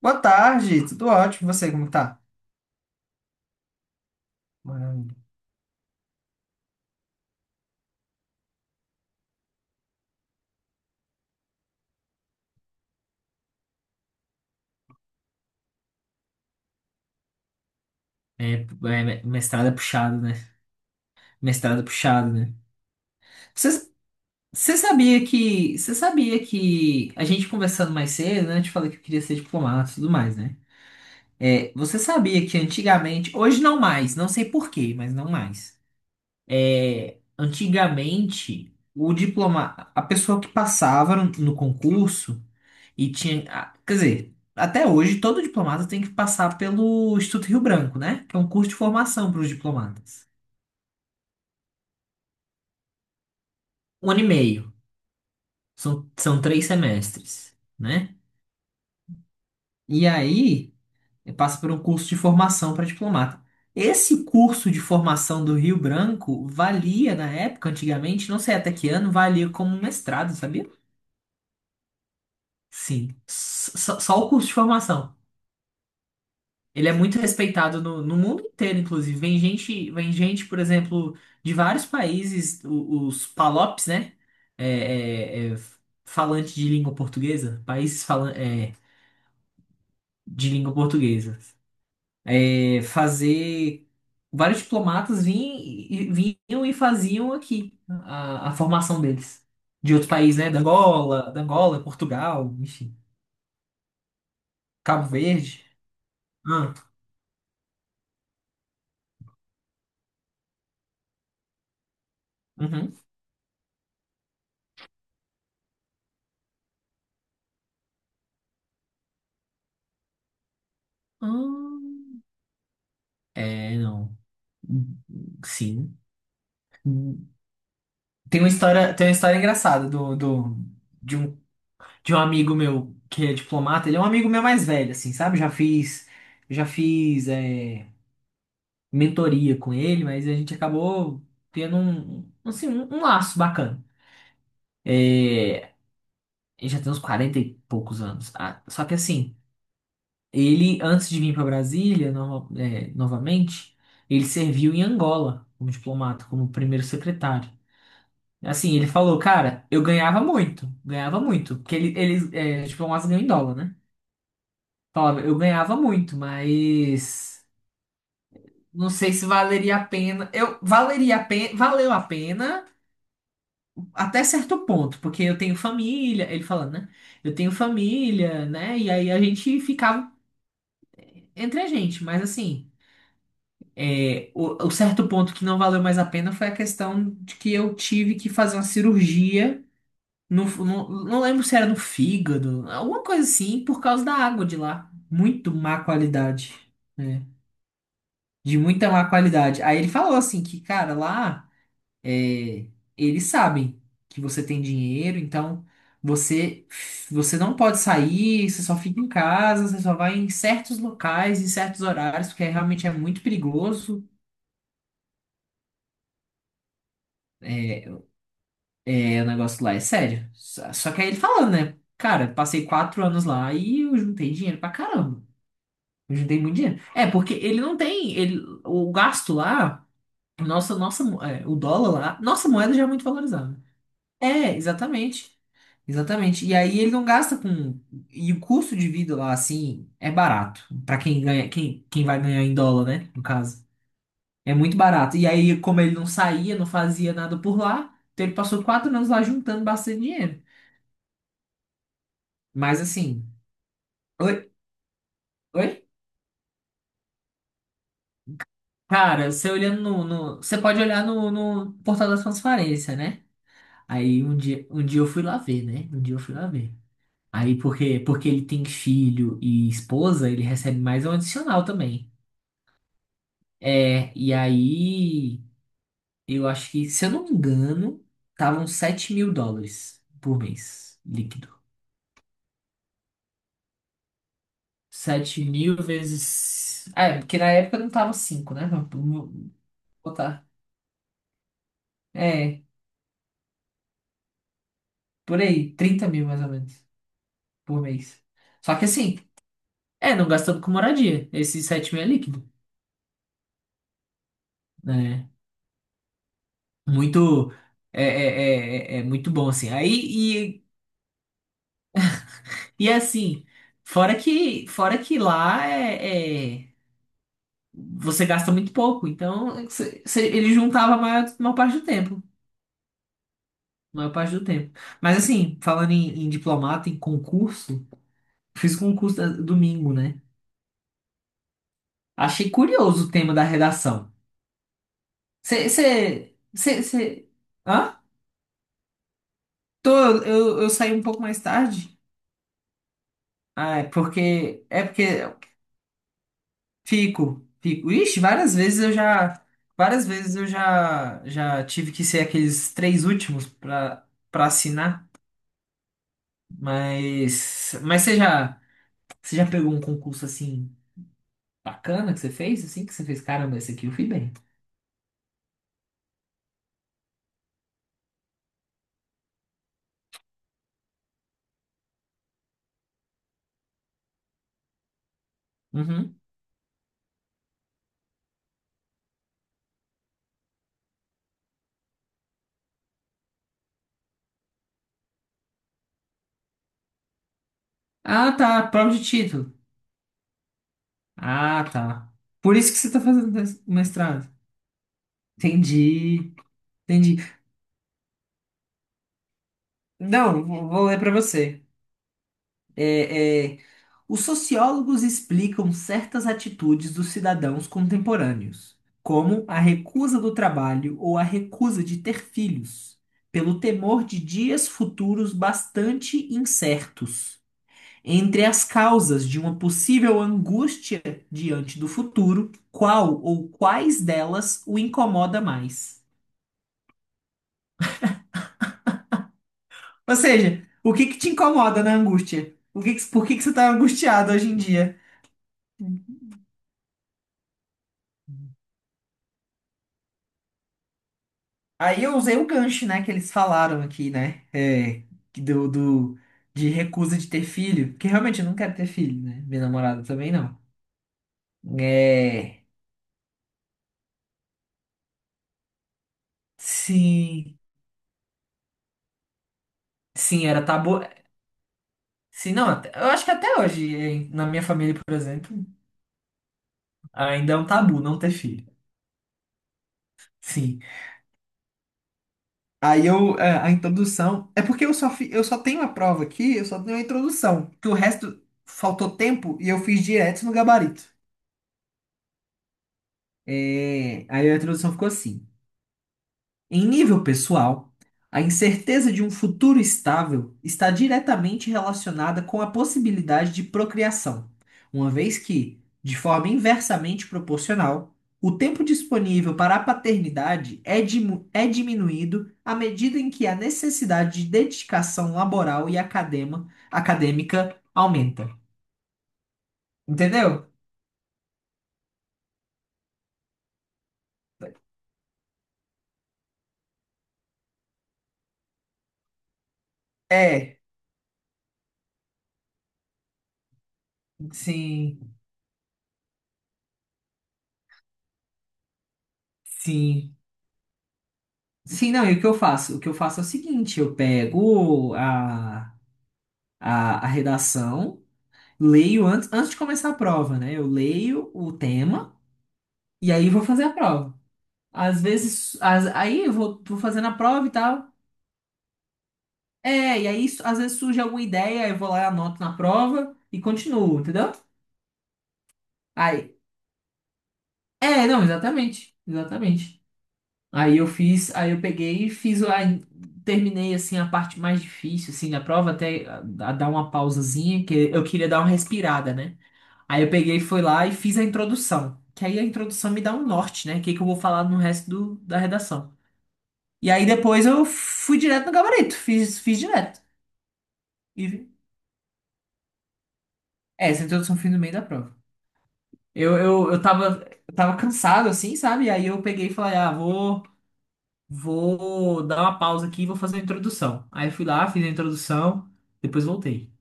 Boa tarde, tudo ótimo. E você, como tá? Maravilha. Mestrado é puxado, né? Mestrado é puxado, né? Você, você sabia que a gente conversando mais cedo, né? Eu te falei que eu queria ser diplomata e tudo mais, né? Você sabia que antigamente, hoje não mais, não sei por quê, mas não mais. Antigamente, o diploma, a pessoa que passava no concurso e tinha, quer dizer, até hoje todo diplomata tem que passar pelo Instituto Rio Branco, né? Que é um curso de formação para os diplomatas. Um ano e meio, são 3 semestres, né? E aí passa por um curso de formação para diplomata. Esse curso de formação do Rio Branco valia na época, antigamente, não sei até que ano, valia como um mestrado, sabia? Sim, só o curso de formação. Ele é muito respeitado no mundo inteiro, inclusive. Vem gente, por exemplo, de vários países, os PALOPs, né? É, é, é, Falante de língua portuguesa, países falan, de língua portuguesa. É, fazer Vários diplomatas vinham, vinham e faziam aqui a formação deles. De outro país, né? Da Angola, Portugal, enfim, Cabo Verde. Ah, uhum. Hum, é, não. Sim. Tem uma história engraçada de um, de um amigo meu que é diplomata. Ele é um amigo meu mais velho, assim, sabe? Já fiz é, Mentoria com ele, mas a gente acabou tendo um, assim, um laço bacana. É, Ele já tem uns 40 e poucos anos. Ah, só que assim, ele, antes de vir para Brasília, novamente, ele serviu em Angola como diplomata, como primeiro secretário. Assim, ele falou, cara, eu ganhava muito, ganhava muito. Porque ele, eles, tipo, é umas ganham em dólar, né? Falava, eu ganhava muito, mas não sei se valeria a pena. Eu valeria a pena, valeu a pena até certo ponto, porque eu tenho família, ele falando, né? Eu tenho família, né? E aí a gente ficava entre a gente, mas assim, o certo ponto que não valeu mais a pena foi a questão de que eu tive que fazer uma cirurgia. Não lembro se era no fígado, alguma coisa assim, por causa da água de lá. Muito má qualidade, né? De muita má qualidade. Aí ele falou assim que, cara, lá é, eles sabem que você tem dinheiro, então você, você não pode sair, você só fica em casa, você só vai em certos locais, em certos horários, porque realmente é muito perigoso. É, o negócio lá é sério. Só que aí ele falando, né? Cara, passei 4 anos lá e eu juntei dinheiro pra caramba. Eu juntei muito dinheiro. Porque ele não tem. Ele, o gasto lá, nossa, nossa, o dólar lá, nossa moeda já é muito valorizada. É, exatamente. Exatamente. E aí ele não gasta com. E o custo de vida lá, assim, é barato. Pra quem ganha, quem vai ganhar em dólar, né? No caso. É muito barato. E aí, como ele não saía, não fazia nada por lá, então ele passou 4 anos lá juntando bastante dinheiro. Mas assim. Oi? Oi? Cara, você olhando no, você pode olhar no portal da transparência, né? Aí um dia eu fui lá ver, né? Um dia eu fui lá ver. Aí porque ele tem filho e esposa, ele recebe mais um adicional também. E aí eu acho que, se eu não me engano, estavam US$ 7.000 por mês, líquido. 7 mil vezes. Ah, porque na época não tava 5, né? Vamos botar. É, por aí, 30 mil mais ou menos por mês. Só que assim, não gastando com moradia. Esses 7 mil é líquido, né? Muito é muito bom assim. Aí e assim, fora que lá você gasta muito pouco, então ele juntava a maior parte do tempo, maior parte do tempo. Mas assim, falando em diplomata, em concurso, fiz concurso domingo, né? Achei curioso o tema da redação. Você você? Hã? Tô, eu saí um pouco mais tarde. Ah, é porque fico, fico. Ixi, várias vezes eu já tive que ser aqueles três últimos para assinar, mas você já pegou um concurso assim bacana que você fez, assim que você fez, caramba, esse aqui eu fui bem. Uhum. Ah, tá, prova de título. Ah, tá. Por isso que você tá fazendo mestrado. Entendi, entendi. Não, vou ler para você. é é, Os sociólogos explicam certas atitudes dos cidadãos contemporâneos, como a recusa do trabalho ou a recusa de ter filhos, pelo temor de dias futuros bastante incertos. Entre as causas de uma possível angústia diante do futuro, qual ou quais delas o incomoda mais? Ou seja, o que que te incomoda na angústia? Por que que você está angustiado hoje em dia? Aí eu usei o gancho, né, que eles falaram aqui, né? Que do, do- de recusa de ter filho. Porque realmente eu não quero ter filho, né? Minha namorada também não. É. Sim. Sim, era tabu. Sim, não, eu acho que até hoje, na minha família, por exemplo, ainda é um tabu não ter filho. Sim. A introdução. É porque eu só tenho a prova aqui, eu só tenho a introdução. Porque o resto faltou tempo e eu fiz direto no gabarito. Aí a introdução ficou assim. Em nível pessoal, a incerteza de um futuro estável está diretamente relacionada com a possibilidade de procriação, uma vez que, de forma inversamente proporcional, o tempo disponível para a paternidade é, diminuído à medida em que a necessidade de dedicação laboral e acadêmica aumenta. Entendeu? É, sim, sim. Sim, não, e o que eu faço? O que eu faço é o seguinte, eu pego a, redação, leio antes de começar a prova, né? Eu leio o tema e aí vou fazer a prova. Às vezes, aí eu vou fazendo a prova e tal. E aí às vezes surge alguma ideia, eu vou lá, anoto na prova e continuo, entendeu? Aí, é, não, exatamente, exatamente. Aí eu peguei e terminei assim a parte mais difícil assim da prova até a dar uma pausazinha que eu queria dar uma respirada, né? Aí eu peguei, fui lá e fiz a introdução. Que aí a introdução me dá um norte, né? O que que eu vou falar no resto da redação. E aí depois eu fui direto no gabarito, fiz direto. E Essa introdução eu fiz no meio da prova. Eu tava cansado, assim, sabe? Aí eu peguei e falei, ah, vou dar uma pausa aqui e vou fazer a introdução. Aí eu fui lá, fiz a introdução, depois voltei.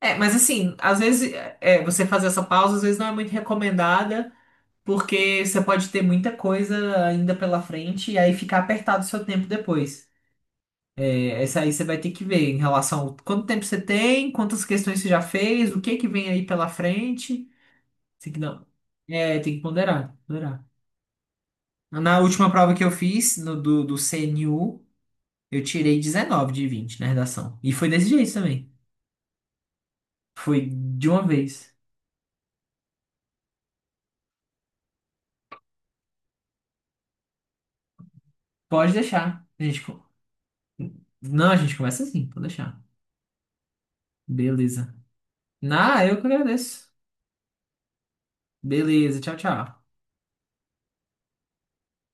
Mas assim, às vezes você fazer essa pausa, às vezes não é muito recomendada. Porque você pode ter muita coisa ainda pela frente e aí ficar apertado o seu tempo depois. Essa aí você vai ter que ver em relação ao quanto tempo você tem, quantas questões você já fez, o que que vem aí pela frente. Tem que não. É, tem que ponderar, ponderar. Na última prova que eu fiz, no, do, do CNU, eu tirei 19 de 20 na redação. E foi desse jeito também. Foi de uma vez. Pode deixar. Não, a gente começa assim, pode deixar. Beleza. Ah, eu que agradeço. Beleza, tchau, tchau.